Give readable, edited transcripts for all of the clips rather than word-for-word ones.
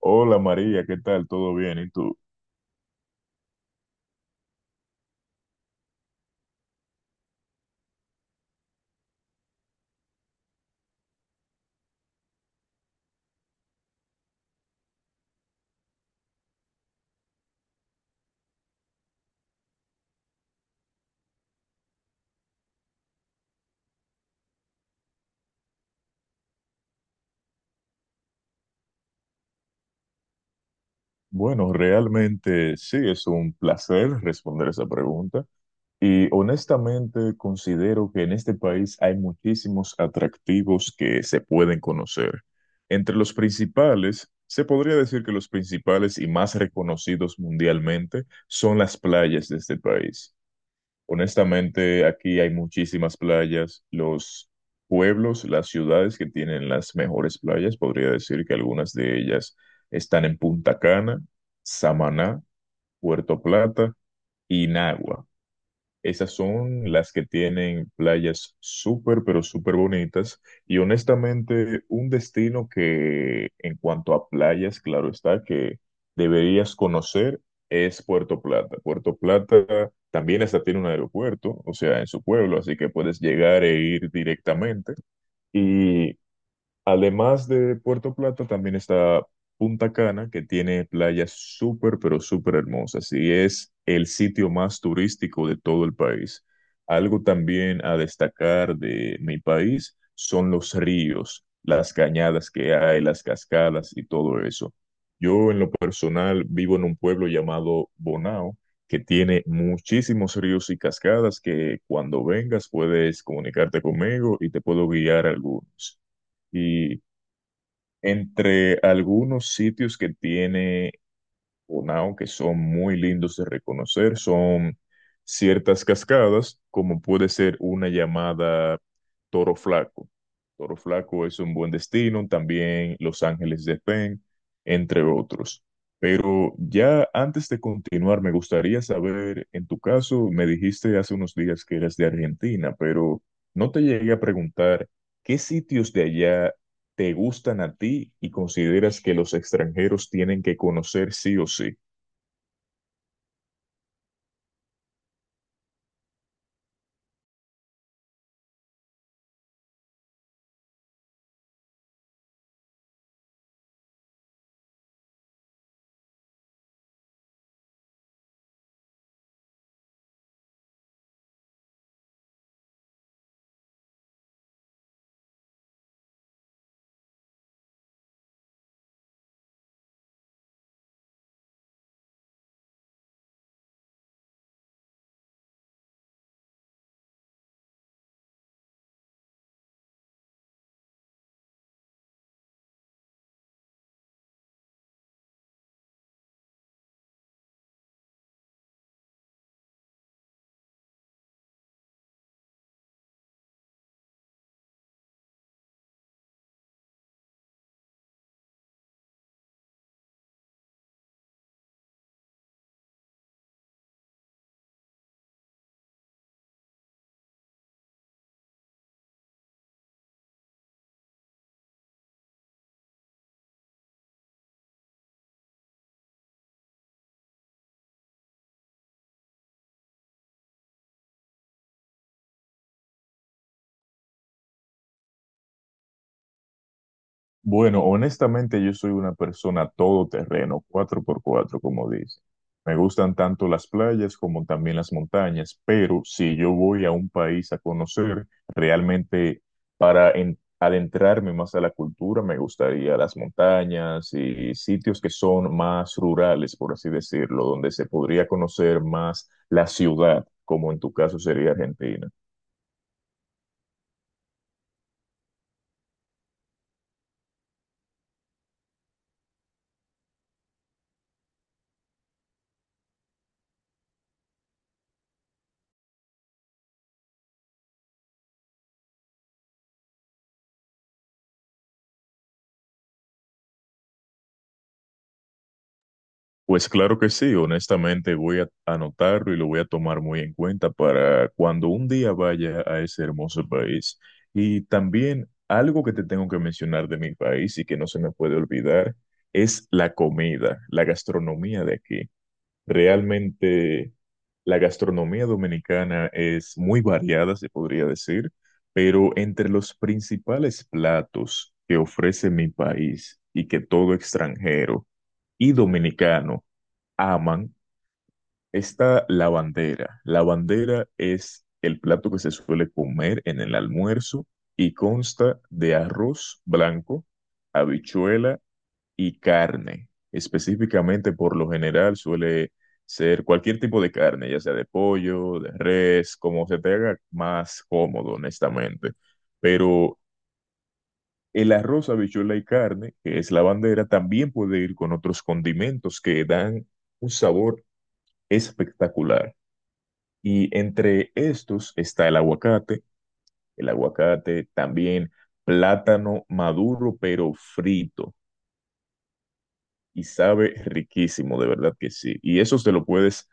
Hola María, ¿qué tal? ¿Todo bien? ¿Y tú? Bueno, realmente sí, es un placer responder esa pregunta. Y honestamente considero que en este país hay muchísimos atractivos que se pueden conocer. Entre los principales, se podría decir que los principales y más reconocidos mundialmente son las playas de este país. Honestamente, aquí hay muchísimas playas. Los pueblos, las ciudades que tienen las mejores playas, podría decir que algunas de ellas están en Punta Cana, Samaná, Puerto Plata y Nagua. Esas son las que tienen playas súper, pero súper bonitas. Y honestamente, un destino que en cuanto a playas, claro está, que deberías conocer es Puerto Plata. Puerto Plata también hasta tiene un aeropuerto, o sea, en su pueblo, así que puedes llegar e ir directamente. Y Además de Puerto Plata, también está Punta Cana, que tiene playas súper, pero súper hermosas y es el sitio más turístico de todo el país. Algo también a destacar de mi país son los ríos, las cañadas que hay, las cascadas y todo eso. Yo en lo personal vivo en un pueblo llamado Bonao, que tiene muchísimos ríos y cascadas que cuando vengas puedes comunicarte conmigo y te puedo guiar algunos. Y entre algunos sitios que tiene Bonao que son muy lindos de reconocer, son ciertas cascadas, como puede ser una llamada Toro Flaco. Toro Flaco es un buen destino, también Los Ángeles de Pen, entre otros. Pero ya antes de continuar, me gustaría saber, en tu caso, me dijiste hace unos días que eras de Argentina, pero no te llegué a preguntar ¿qué sitios de allá te gustan a ti y consideras que los extranjeros tienen que conocer sí o sí? Bueno, honestamente yo soy una persona todoterreno, cuatro por cuatro como dice. Me gustan tanto las playas como también las montañas, pero si yo voy a un país a conocer, realmente adentrarme más a la cultura, me gustaría las montañas y sitios que son más rurales, por así decirlo, donde se podría conocer más la ciudad, como en tu caso sería Argentina. Pues claro que sí, honestamente voy a anotarlo y lo voy a tomar muy en cuenta para cuando un día vaya a ese hermoso país. Y también algo que te tengo que mencionar de mi país y que no se me puede olvidar es la comida, la gastronomía de aquí. Realmente la gastronomía dominicana es muy variada, se podría decir, pero entre los principales platos que ofrece mi país y que todo extranjero y dominicano aman esta bandera. La bandera es el plato que se suele comer en el almuerzo y consta de arroz blanco, habichuela y carne. Específicamente, por lo general, suele ser cualquier tipo de carne, ya sea de pollo, de res, como se te haga más cómodo, honestamente. Pero el arroz, habichuela y carne, que es la bandera, también puede ir con otros condimentos que dan un sabor espectacular. Y entre estos está el aguacate también plátano maduro pero frito y sabe riquísimo, de verdad que sí. Y eso te lo puedes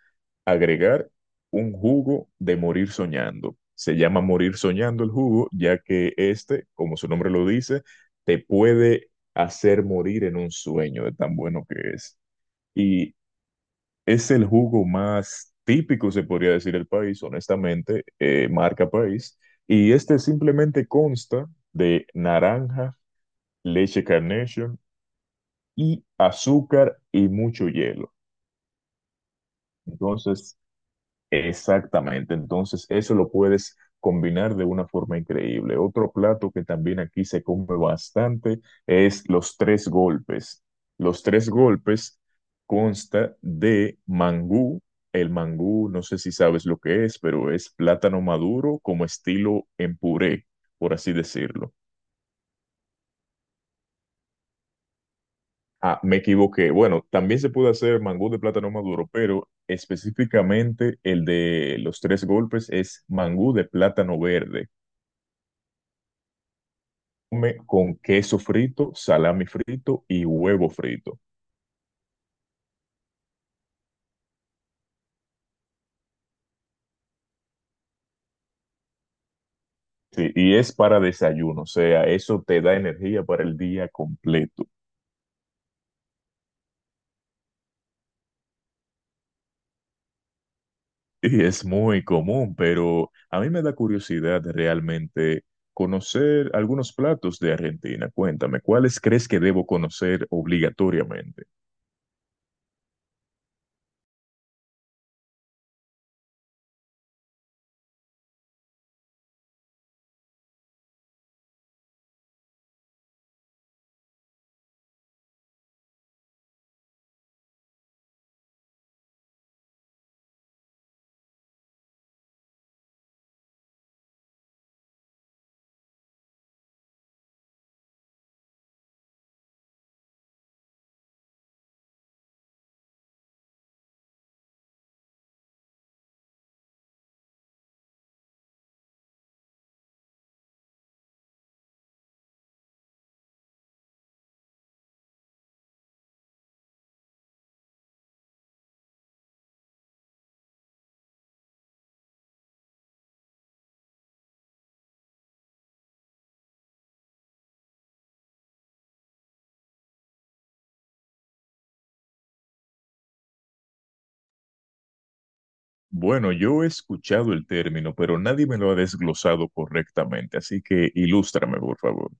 agregar un jugo de morir soñando. Se llama morir soñando el jugo, ya que este, como su nombre lo dice, te puede hacer morir en un sueño de tan bueno que es. Y Es el jugo más típico, se podría decir, del país, honestamente, marca país. Y este simplemente consta de naranja, leche Carnation y azúcar y mucho hielo. Entonces, Exactamente, entonces eso lo puedes combinar de una forma increíble. Otro plato que también aquí se come bastante es los tres golpes. Los tres golpes consta de mangú. El mangú, no sé si sabes lo que es, pero es plátano maduro como estilo en puré, por así decirlo. Ah, me equivoqué. Bueno, también se puede hacer mangú de plátano maduro, pero específicamente el de los tres golpes es mangú de plátano verde come con queso frito, salami frito y huevo frito. Sí, y es para desayuno, o sea, eso te da energía para el día completo. Y es muy común, pero a mí me da curiosidad realmente conocer algunos platos de Argentina. Cuéntame, ¿cuáles crees que debo conocer obligatoriamente? Bueno, yo he escuchado el término, pero nadie me lo ha desglosado correctamente, así que ilústrame, por favor.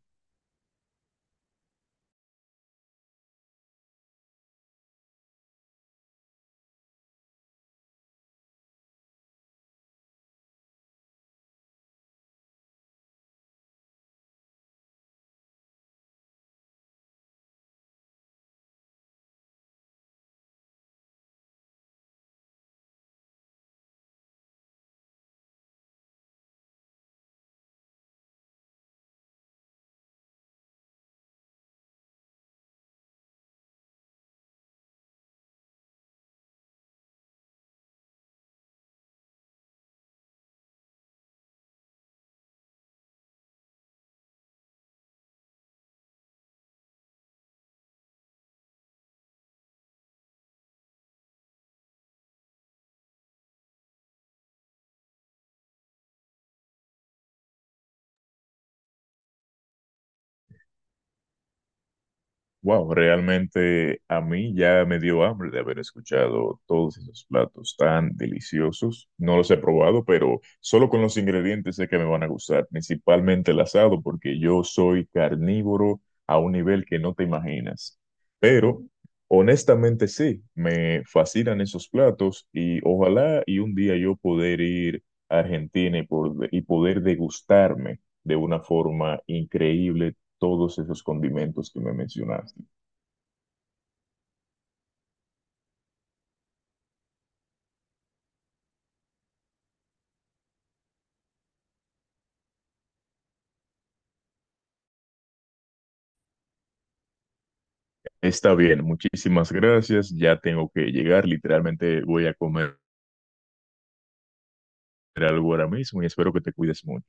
Wow, realmente a mí ya me dio hambre de haber escuchado todos esos platos tan deliciosos. No los he probado, pero solo con los ingredientes sé que me van a gustar, principalmente el asado, porque yo soy carnívoro a un nivel que no te imaginas. Pero honestamente sí, me fascinan esos platos y ojalá y un día yo poder ir a Argentina y poder degustarme de una forma increíble todos esos condimentos que me mencionaste. Está bien, muchísimas gracias. Ya tengo que llegar. Literalmente voy a comer algo ahora mismo y espero que te cuides mucho.